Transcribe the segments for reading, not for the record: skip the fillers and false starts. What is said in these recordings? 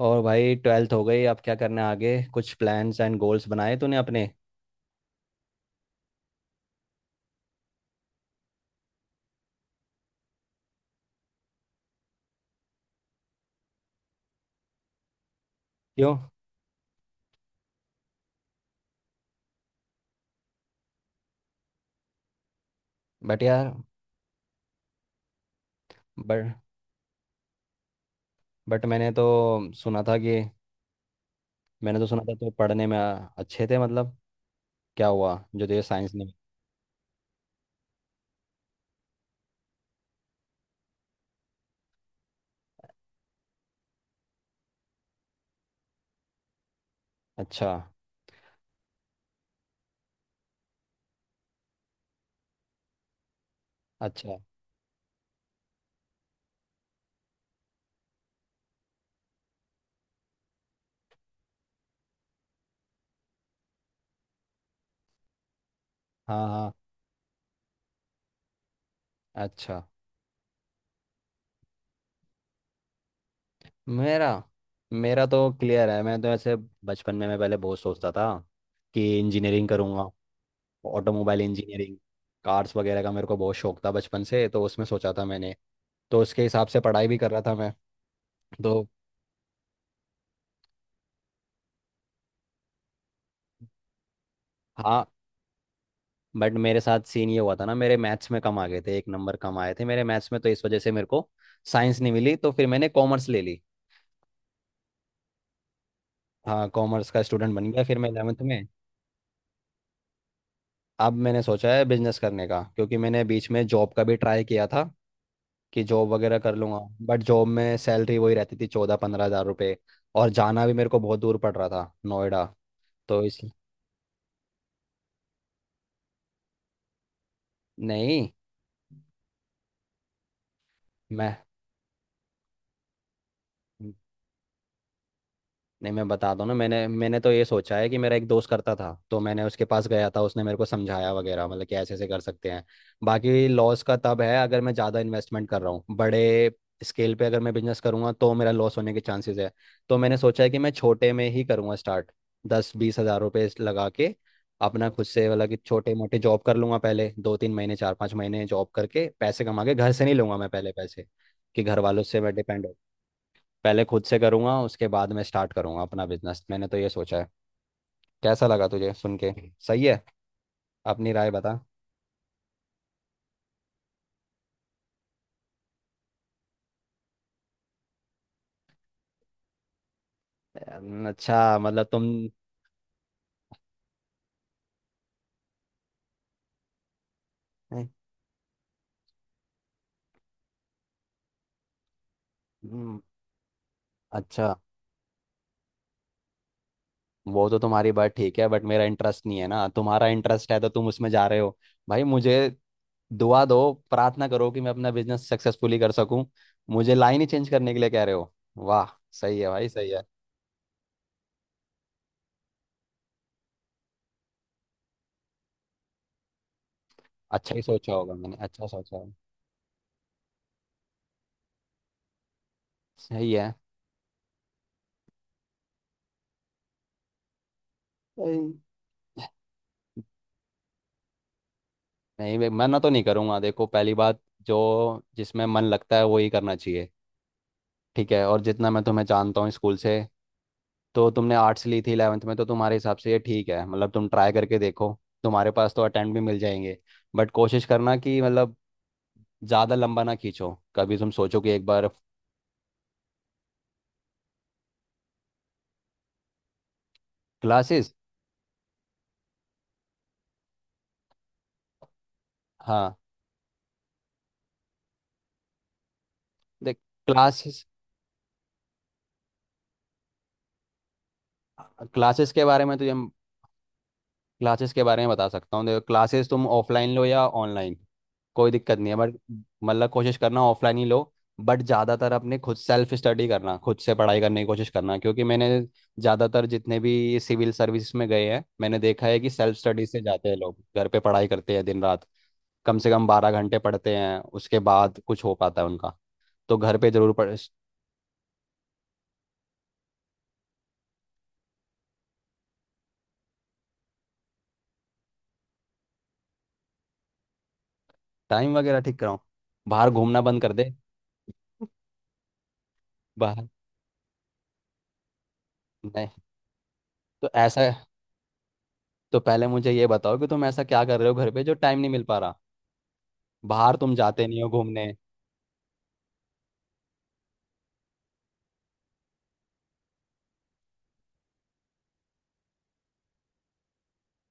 और भाई ट्वेल्थ हो गई। अब क्या करना है आगे? कुछ प्लान्स एंड गोल्स बनाए तूने अपने? क्यों? बट यार, बट बट मैंने तो सुना था कि मैंने तो सुना था तो पढ़ने में अच्छे थे मतलब, क्या हुआ जो तुझे साइंस नहीं? अच्छा। अच्छा। हाँ हाँ। अच्छा। मेरा मेरा तो क्लियर है। मैं तो ऐसे बचपन में, मैं पहले बहुत सोचता था कि इंजीनियरिंग करूँगा, ऑटोमोबाइल इंजीनियरिंग। कार्स वगैरह का मेरे को बहुत शौक था बचपन से, तो उसमें सोचा था मैंने। तो उसके हिसाब से पढ़ाई भी कर रहा था मैं। तो हाँ, बट मेरे साथ सीन ये हुआ था ना, मेरे मैथ्स में कम आ गए थे, एक नंबर कम आए थे मेरे मैथ्स में, तो इस वजह से मेरे को साइंस नहीं मिली, तो फिर मैंने कॉमर्स ले ली। हाँ, कॉमर्स का स्टूडेंट बन गया फिर मैं 11th में। अब मैंने सोचा है बिजनेस करने का, क्योंकि मैंने बीच में जॉब का भी ट्राई किया था कि जॉब वगैरह कर लूंगा। बट जॉब में सैलरी वही रहती थी, 14-15 हज़ार रुपये, और जाना भी मेरे को बहुत दूर पड़ रहा था, नोएडा। तो इस नहीं, मैं नहीं, मैं बता दूं ना। मैंने मैंने तो ये सोचा है कि मेरा एक दोस्त करता था, तो मैंने उसके पास गया था, उसने मेरे को समझाया वगैरह, मतलब कि ऐसे ऐसे कर सकते हैं। बाकी लॉस का तब है अगर मैं ज़्यादा इन्वेस्टमेंट कर रहा हूँ, बड़े स्केल पे अगर मैं बिजनेस करूंगा तो मेरा लॉस होने के चांसेस है। तो मैंने सोचा है कि मैं छोटे में ही करूंगा स्टार्ट, 10-20 हज़ार रुपये लगा के, अपना खुद से। मतलब कि छोटे मोटे जॉब कर लूंगा पहले, दो तीन महीने, चार पाँच महीने जॉब करके, पैसे कमा के। घर से नहीं लूंगा मैं पहले पैसे, कि घर वालों से मैं डिपेंड हो। पहले खुद से करूंगा, उसके बाद मैं स्टार्ट करूंगा अपना बिजनेस। मैंने तो ये सोचा है। कैसा लगा तुझे सुन के? सही है? अपनी राय बता। अच्छा, मतलब तुम। हम्म, अच्छा। वो तो तुम्हारी बात ठीक है बट मेरा इंटरेस्ट नहीं है ना। तुम्हारा इंटरेस्ट है तो तुम उसमें जा रहे हो। भाई मुझे दुआ दो, प्रार्थना करो कि मैं अपना बिजनेस सक्सेसफुली कर सकूं। मुझे लाइन ही चेंज करने के लिए कह रहे हो। वाह। सही है भाई, सही है। अच्छा ही सोचा होगा मैंने, अच्छा सोचा होगा। सही है। सही। नहीं भाई, मना तो नहीं करूंगा। देखो, पहली बात, जो जिसमें मन लगता है वो ही करना चाहिए। ठीक है। और जितना मैं तुम्हें जानता हूँ स्कूल से, तो तुमने आर्ट्स ली थी इलेवेंथ में, तो तुम्हारे हिसाब से ये ठीक है, मतलब तुम ट्राई करके देखो। तुम्हारे पास तो अटेम्प्ट भी मिल जाएंगे। बट कोशिश करना कि मतलब ज़्यादा लंबा ना खींचो। कभी तुम सोचो कि एक बार। क्लासेस। हाँ, देख। क्लासेस, क्लासेस के बारे में तुझे, क्लासेस के बारे में बता सकता हूँ। देखो, क्लासेस तुम ऑफलाइन लो या ऑनलाइन, कोई दिक्कत नहीं है। बट मतलब कोशिश करना ऑफलाइन ही लो। बट ज़्यादातर अपने खुद सेल्फ स्टडी करना, खुद से पढ़ाई करने की कोशिश करना, क्योंकि मैंने ज़्यादातर जितने भी सिविल सर्विस में गए हैं, मैंने देखा है कि सेल्फ स्टडी से जाते हैं लोग। घर पे पढ़ाई करते हैं दिन रात, कम से कम 12 घंटे पढ़ते हैं, उसके बाद कुछ हो पाता है उनका। तो घर पे जरूर पढ़। टाइम वगैरह ठीक कराओ, बाहर घूमना बंद कर दे। बाहर? नहीं, तो ऐसा, तो पहले मुझे ये बताओ कि तुम ऐसा क्या कर रहे हो घर पे जो टाइम नहीं मिल पा रहा। बाहर तुम जाते नहीं हो घूमने,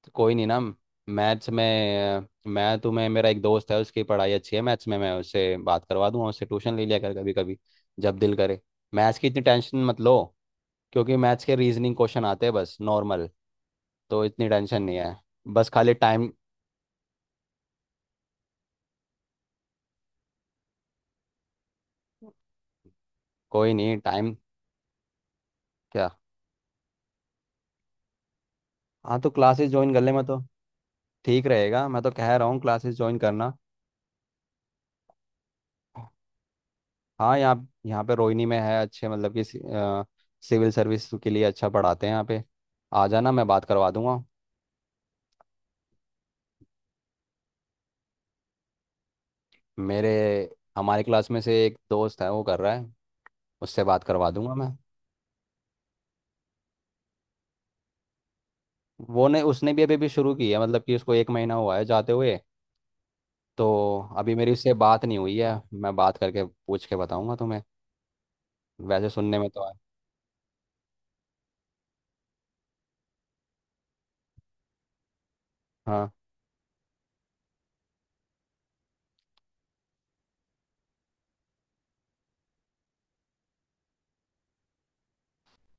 तो कोई नहीं ना। मैथ्स में मैं तुम्हें, मेरा एक दोस्त है उसकी पढ़ाई अच्छी है मैथ्स में, मैं उससे बात करवा दूंगा। उससे ट्यूशन ले लिया कर कभी कभी, जब दिल करे। मैथ्स की इतनी टेंशन मत लो, क्योंकि मैथ्स के रीजनिंग क्वेश्चन आते हैं बस, नॉर्मल। तो इतनी टेंशन नहीं है। बस खाली टाइम। कोई नहीं, टाइम। क्या? हाँ, तो क्लासेस ज्वाइन कर ले। मैं तो। ठीक रहेगा, मैं तो कह रहा हूँ क्लासेस ज्वाइन करना। हाँ, यहाँ, यहाँ पे रोहिणी में है अच्छे, मतलब कि सिविल सर्विस के लिए अच्छा पढ़ाते हैं यहाँ पे। आ जाना, मैं बात करवा दूंगा। मेरे हमारे क्लास में से एक दोस्त है वो कर रहा है, उससे बात करवा दूंगा मैं। वो ने उसने भी अभी भी शुरू की है, मतलब कि उसको एक महीना हुआ है जाते हुए, तो अभी मेरी उससे बात नहीं हुई है। मैं बात करके पूछ के बताऊंगा तुम्हें। वैसे सुनने में तो है हाँ।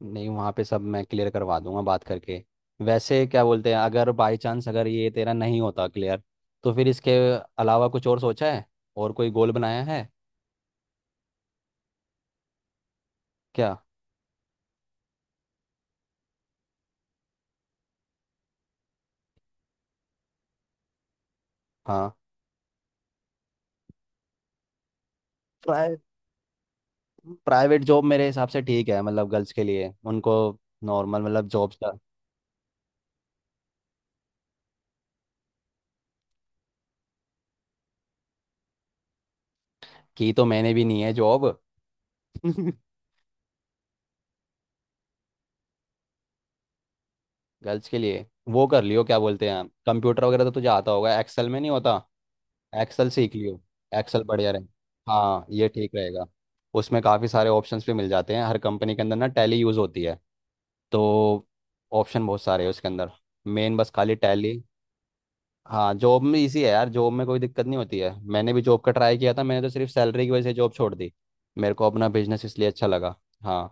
नहीं, वहाँ पे सब मैं क्लियर करवा दूंगा बात करके। वैसे क्या बोलते हैं, अगर बाई चांस अगर ये तेरा नहीं होता क्लियर, तो फिर इसके अलावा कुछ और सोचा है? और कोई गोल बनाया है? क्या? हाँ। प्राइ प्राइवेट जॉब मेरे हिसाब से ठीक है, मतलब गर्ल्स के लिए उनको नॉर्मल मतलब जॉब। की तो मैंने भी नहीं है जॉब। गर्ल्स के लिए वो कर लियो, क्या बोलते हैं, कंप्यूटर वगैरह तो तुझे आता होगा, एक्सेल में नहीं होता? एक्सेल सीख लियो। एक्सेल बढ़िया रहे। हाँ ये ठीक रहेगा। उसमें काफ़ी सारे ऑप्शंस भी मिल जाते हैं, हर कंपनी के अंदर ना टैली यूज़ होती है, तो ऑप्शन बहुत सारे हैं उसके अंदर। मेन बस खाली टैली। हाँ, जॉब में इजी है यार। जॉब में कोई दिक्कत नहीं होती है। मैंने भी जॉब का ट्राई किया था, मैंने तो सिर्फ सैलरी की वजह से जॉब छोड़ दी। मेरे को अपना बिजनेस इसलिए अच्छा लगा। हाँ।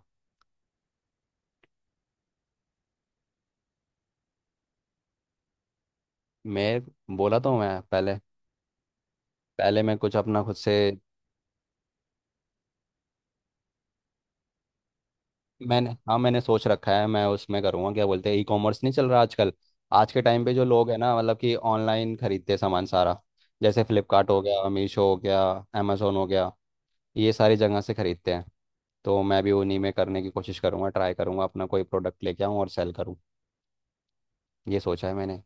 मैं बोला तो हूँ मैं पहले। पहले मैं कुछ अपना खुद से। मैंने हाँ, मैंने सोच रखा है मैं उसमें करूँगा, क्या बोलते हैं, ई कॉमर्स नहीं चल रहा आजकल? आज के टाइम पे जो लोग हैं ना, मतलब कि ऑनलाइन खरीदते हैं सामान सारा, जैसे फ्लिपकार्ट हो गया, मीशो हो गया, अमेजोन हो गया, ये सारी जगह से खरीदते हैं। तो मैं भी उन्हीं में करने की कोशिश करूँगा, ट्राई करूँगा अपना कोई प्रोडक्ट लेके आऊँ और सेल करूँ। ये सोचा है मैंने।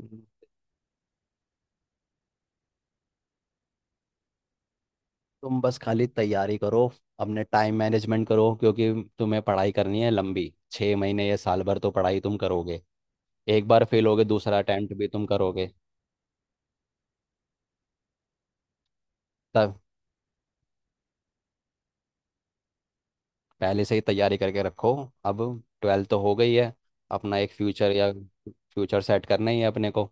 हम्म। तुम बस खाली तैयारी करो, अपने टाइम मैनेजमेंट करो, क्योंकि तुम्हें पढ़ाई करनी है लंबी, छः महीने या साल भर तो पढ़ाई तुम करोगे, एक बार फेल होगे दूसरा अटेम्प्ट भी तुम करोगे, तब। पहले से ही तैयारी करके रखो। अब ट्वेल्थ तो हो गई है, अपना एक फ्यूचर या फ्यूचर सेट करना ही है अपने को,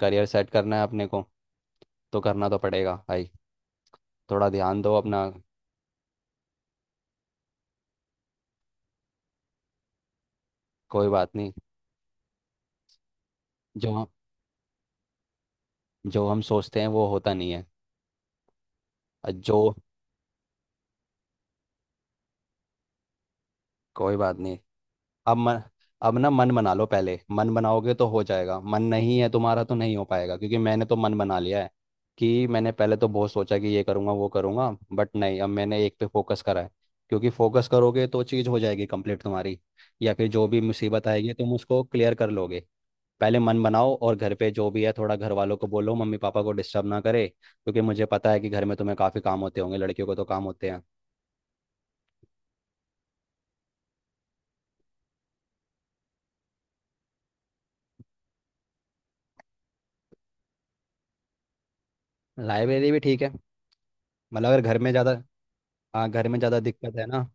करियर सेट करना है अपने को, तो करना तो पड़ेगा भाई। थोड़ा ध्यान दो अपना। कोई बात नहीं। जो हम जो हम सोचते हैं वो होता नहीं है। और जो, कोई बात नहीं। अब मन, अब ना मन बना लो। पहले मन बनाओगे तो हो जाएगा, मन नहीं है तुम्हारा तो नहीं हो पाएगा। क्योंकि मैंने तो मन बना लिया है कि मैंने पहले तो बहुत सोचा कि ये करूँगा वो करूँगा, बट नहीं, अब मैंने एक पे फोकस करा है। क्योंकि फोकस करोगे तो चीज़ हो जाएगी कंप्लीट तुम्हारी, या फिर जो भी मुसीबत आएगी तुम उसको क्लियर कर लोगे। पहले मन बनाओ, और घर पे जो भी है थोड़ा घर वालों को बोलो मम्मी पापा को डिस्टर्ब ना करे, क्योंकि मुझे पता है कि घर में तुम्हें काफ़ी काम होते होंगे, लड़कियों को तो काम होते हैं। लाइब्रेरी भी ठीक है, मतलब अगर घर में ज़्यादा। हाँ, घर में ज़्यादा दिक्कत है ना।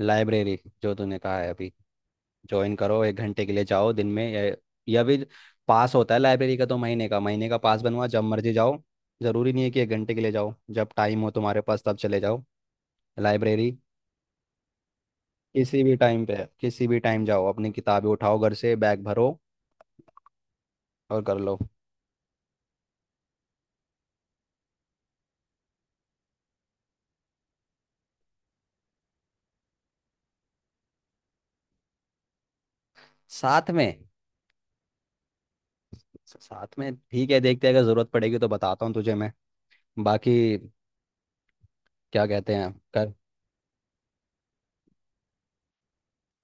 लाइब्रेरी जो तूने कहा है अभी, ज्वाइन करो। एक घंटे के लिए जाओ दिन में, या भी पास होता है लाइब्रेरी का, तो महीने का, महीने का पास बनवा, जब मर्जी जाओ। जरूरी नहीं है कि एक घंटे के लिए जाओ, जब टाइम हो तुम्हारे पास तब चले जाओ लाइब्रेरी। किसी भी टाइम पे, किसी भी टाइम जाओ, अपनी किताबें उठाओ, घर से बैग भरो और कर लो। साथ में। साथ में ठीक है, देखते हैं, अगर जरूरत पड़ेगी तो बताता हूँ तुझे मैं। बाकी क्या कहते हैं कर।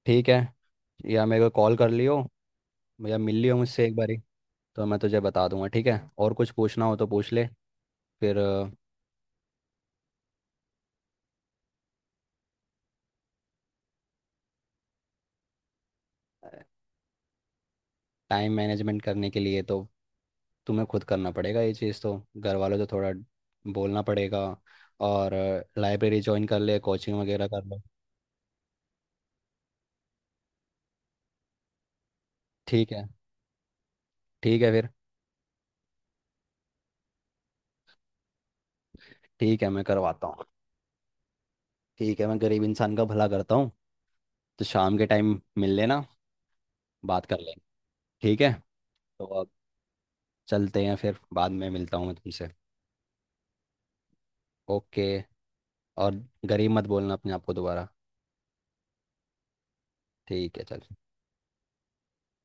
ठीक है, या मेरे को कॉल कर लियो, भैया मिल लियो मुझसे एक बारी, तो मैं तुझे बता दूंगा। ठीक है, और कुछ पूछना हो तो पूछ ले। फिर। टाइम मैनेजमेंट करने के लिए तो तुम्हें खुद करना पड़ेगा ये चीज़, तो घर वालों से थोड़ा बोलना पड़ेगा, और लाइब्रेरी ज्वाइन कर ले, कोचिंग वगैरह कर लो। ठीक है। ठीक है फिर। ठीक है, मैं करवाता हूँ। ठीक है, मैं गरीब इंसान का भला करता हूँ। तो शाम के टाइम मिल लेना, बात कर लेंगे। ठीक है। तो अब चलते हैं फिर, बाद में मिलता हूँ मैं तुमसे। ओके। और गरीब मत बोलना अपने आप को दोबारा। ठीक है चल।